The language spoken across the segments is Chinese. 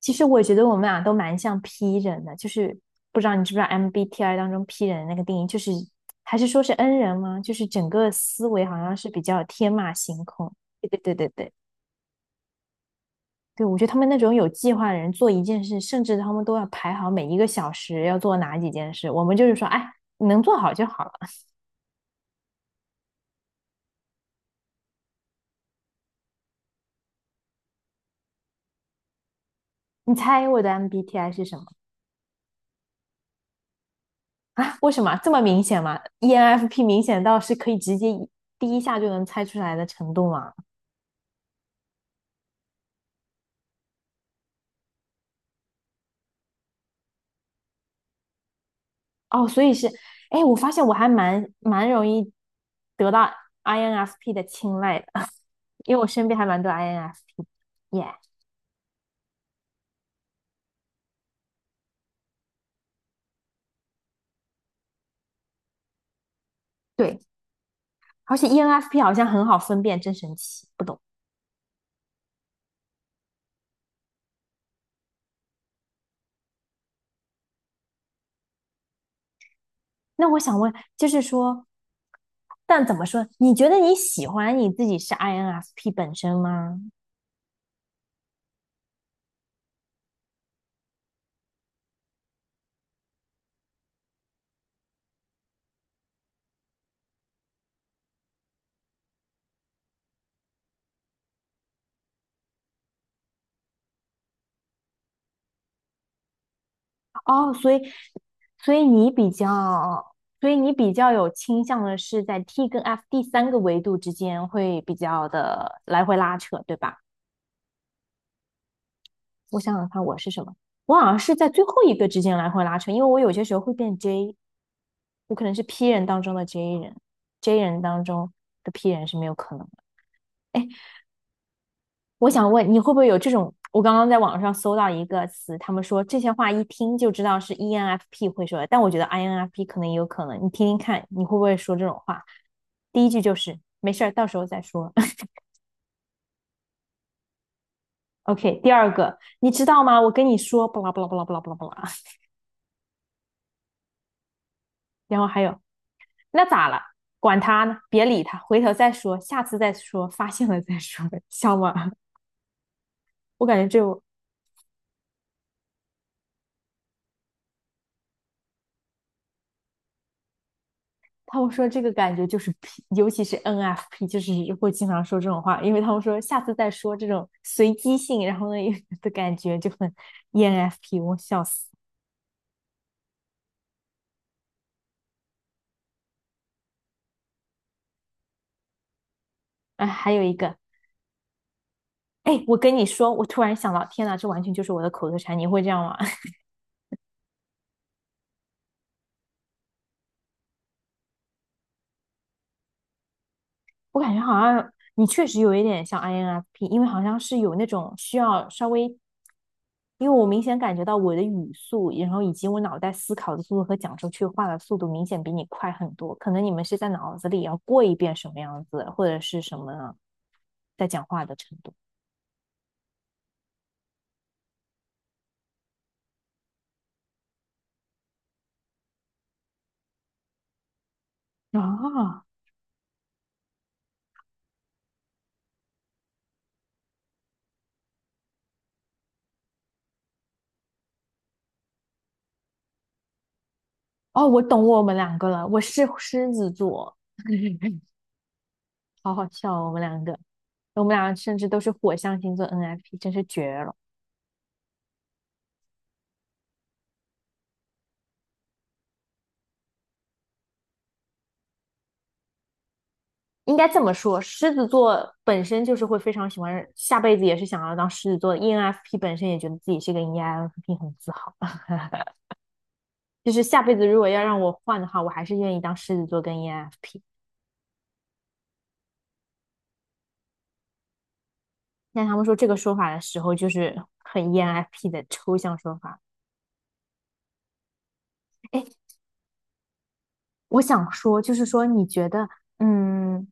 其实我觉得我们俩都蛮像 P 人的，就是不知道你知不知道 MBTI 当中 P 人的那个定义，就是还是说是 N 人吗？就是整个思维好像是比较天马行空。对对对对对，对我觉得他们那种有计划的人做一件事，甚至他们都要排好每一个小时要做哪几件事。我们就是说，哎，你能做好就好了。你猜我的 MBTI 是什么啊？为什么这么明显吗？ENFP 明显到是可以直接第一下就能猜出来的程度吗？哦，所以是，哎，我发现我还蛮容易得到 INFP 的青睐的，因为我身边还蛮多 INFP。耶，对，而且 ENFP 好像很好分辨，真神奇，不懂。那我想问，就是说，但怎么说？你觉得你喜欢你自己是 INFP 本身吗？哦，所以，所以你比较，所以你比较有倾向的是在 T 跟 F 第三个维度之间会比较的来回拉扯，对吧？我想想看，我是什么？我好像是在最后一个之间来回拉扯，因为我有些时候会变 J，我可能是 P 人当中的 J 人，J 人当中的 P 人是没有可能的。哎，我想问你会不会有这种？我刚刚在网上搜到一个词，他们说这些话一听就知道是 ENFP 会说的，但我觉得 INFP 可能也有可能。你听听看，你会不会说这种话？第一句就是没事儿，到时候再说。OK，第二个，你知道吗？我跟你说，巴拉巴拉巴拉巴拉巴拉巴拉。然后还有，那咋了？管他呢，别理他，回头再说，下次再说，发现了再说，笑吗？我感觉这种他们说这个感觉就是 P，尤其是 NFP，就是会经常说这种话，因为他们说下次再说这种随机性，然后呢 的感觉就很 ENFP，我笑死。哎，还有一个，哎，我跟你说，我突然想到，天哪，这完全就是我的口头禅，你会这样吗？我感觉好像你确实有一点像 INFP，因为好像是有那种需要稍微，因为我明显感觉到我的语速，然后以及我脑袋思考的速度和讲出去话的速度明显比你快很多。可能你们是在脑子里要过一遍什么样子，或者是什么在讲话的程度。啊，哦，我懂我们两个了，我是狮子座，好好笑哦，我们两个，我们俩甚至都是火象星座 NFP，真是绝了。应该这么说，狮子座本身就是会非常喜欢，下辈子也是想要当狮子座的。ENFP 本身也觉得自己是个 ENFP，很自豪。就是下辈子如果要让我换的话，我还是愿意当狮子座跟 ENFP。但他们说这个说法的时候，就是很 ENFP 的抽象说法。哎，我想说，就是说，你觉得，嗯，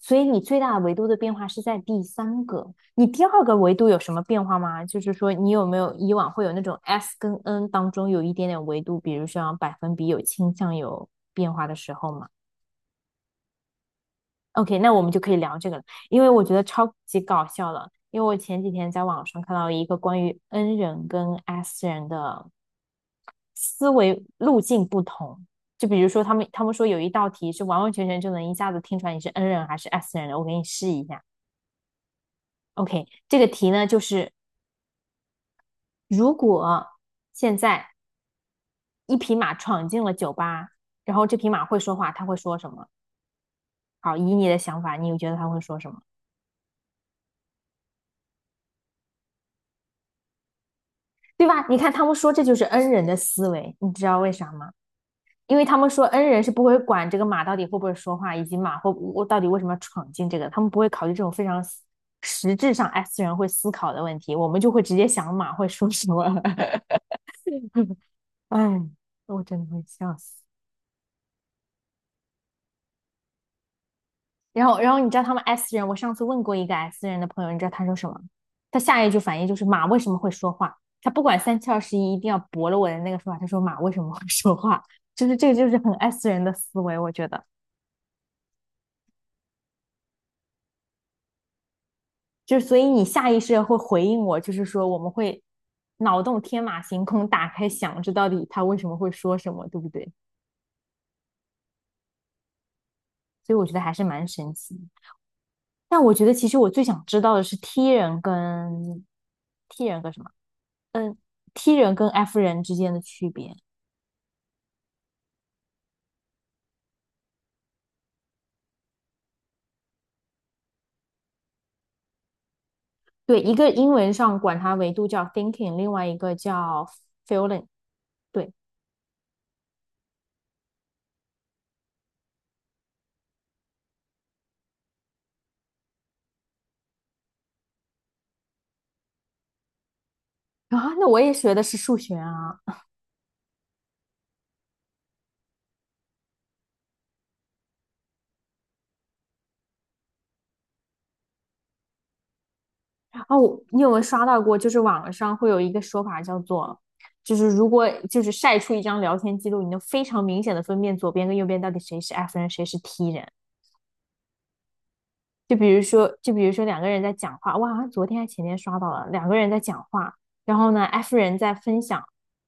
所以你最大的维度的变化是在第三个，你第二个维度有什么变化吗？就是说，你有没有以往会有那种 S 跟 N 当中有一点点维度，比如像百分比有倾向有变化的时候嘛 o k 那我们就可以聊这个了，因为我觉得超级搞笑了，因为我前几天在网上看到一个关于 N 人跟 S 人的思维路径不同。就比如说，他们说有一道题是完完全全就能一下子听出来你是 N 人还是 S 人的，我给你试一下。OK，这个题呢就是如果现在一匹马闯进了酒吧，然后这匹马会说话，它会说什么？好，以你的想法，你觉得它会说什么？对吧？你看他们说这就是 N 人的思维，你知道为啥吗？因为他们说 n 人是不会管这个马到底会不会说话，以及马会我到底为什么要闯进这个，他们不会考虑这种非常实质上 S 人会思考的问题，我们就会直接想马会说什么。哎，我真的会笑死。然后，你知道他们 S 人，我上次问过一个 S 人的朋友，你知道他说什么？他下一句反应就是马为什么会说话？他不管三七二十一，一定要驳了我的那个说法。他说马为什么会说话？就是这个，就是很 S 人的思维，我觉得。就是所以你下意识会回应我，就是说我们会脑洞天马行空，打开想这到底他为什么会说什么，对不对？所以我觉得还是蛮神奇。但我觉得其实我最想知道的是 T 人跟 T 人跟什么 T 人跟 F 人之间的区别。对，一个英文上管它维度叫 thinking，另外一个叫 feeling。对啊，那我也学的是数学啊。哦，你有没有刷到过？就是网上会有一个说法叫做，就是如果就是晒出一张聊天记录，你能非常明显的分辨左边跟右边到底谁是 F 人，谁是 T 人。就比如说，就比如说两个人在讲话，我好像昨天还前天刷到了，两个人在讲话，然后呢，F 人在分享，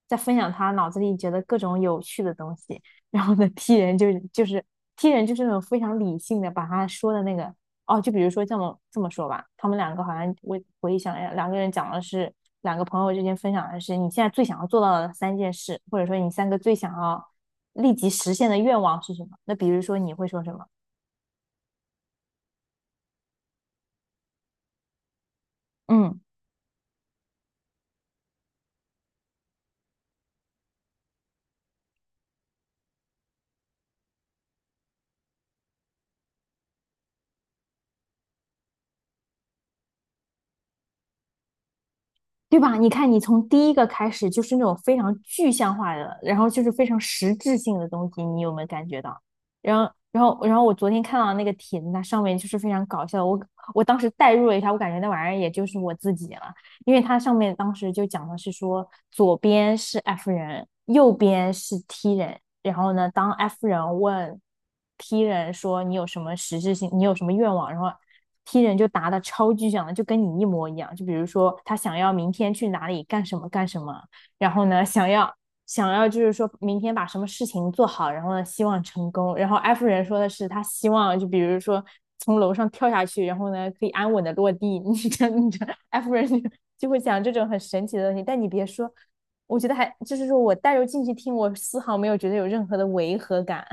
在分享他脑子里觉得各种有趣的东西，然后呢，T 人就是 T 人就是那种非常理性的，把他说的那个哦，就比如说这么说吧，他们两个好像我回想一下，两个人讲的是两个朋友之间分享的是你现在最想要做到的三件事，或者说你三个最想要立即实现的愿望是什么？那比如说你会说什么？嗯。对吧？你看，你从第一个开始就是那种非常具象化的，然后就是非常实质性的东西，你有没有感觉到？然后，我昨天看到那个帖子，它上面就是非常搞笑，我当时代入了一下，我感觉那玩意儿也就是我自己了，因为它上面当时就讲的是说，左边是 F 人，右边是 T 人，然后呢，当 F 人问 T 人说你有什么实质性，你有什么愿望，然后踢人就答的超具象的，就跟你一模一样。就比如说他想要明天去哪里干什么干什么，然后呢想要就是说明天把什么事情做好，然后呢希望成功。然后艾夫人说的是他希望就比如说从楼上跳下去，然后呢可以安稳的落地。你这艾夫人就会讲这种很神奇的东西，但你别说。我觉得还就是说我带入进去听，我丝毫没有觉得有任何的违和感。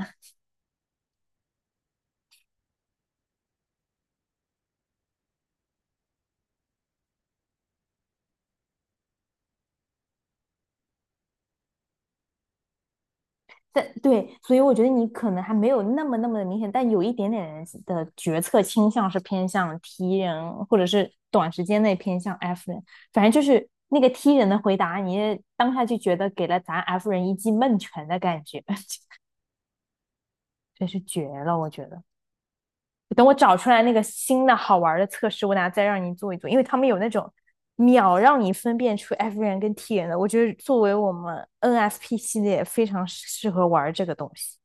但对，所以我觉得你可能还没有那么的明显，但有一点点的决策倾向是偏向 T 人，或者是短时间内偏向 F 人。反正就是那个 T 人的回答，你当下就觉得给了咱 F 人一记闷拳的感觉，真是绝了！我觉得，等我找出来那个新的好玩的测试，我等下再让你做一做，因为他们有那种秒让你分辨出 F 人跟 T 人的，我觉得作为我们 NFP 系列非常适合玩这个东西。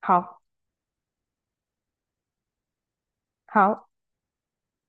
好，好。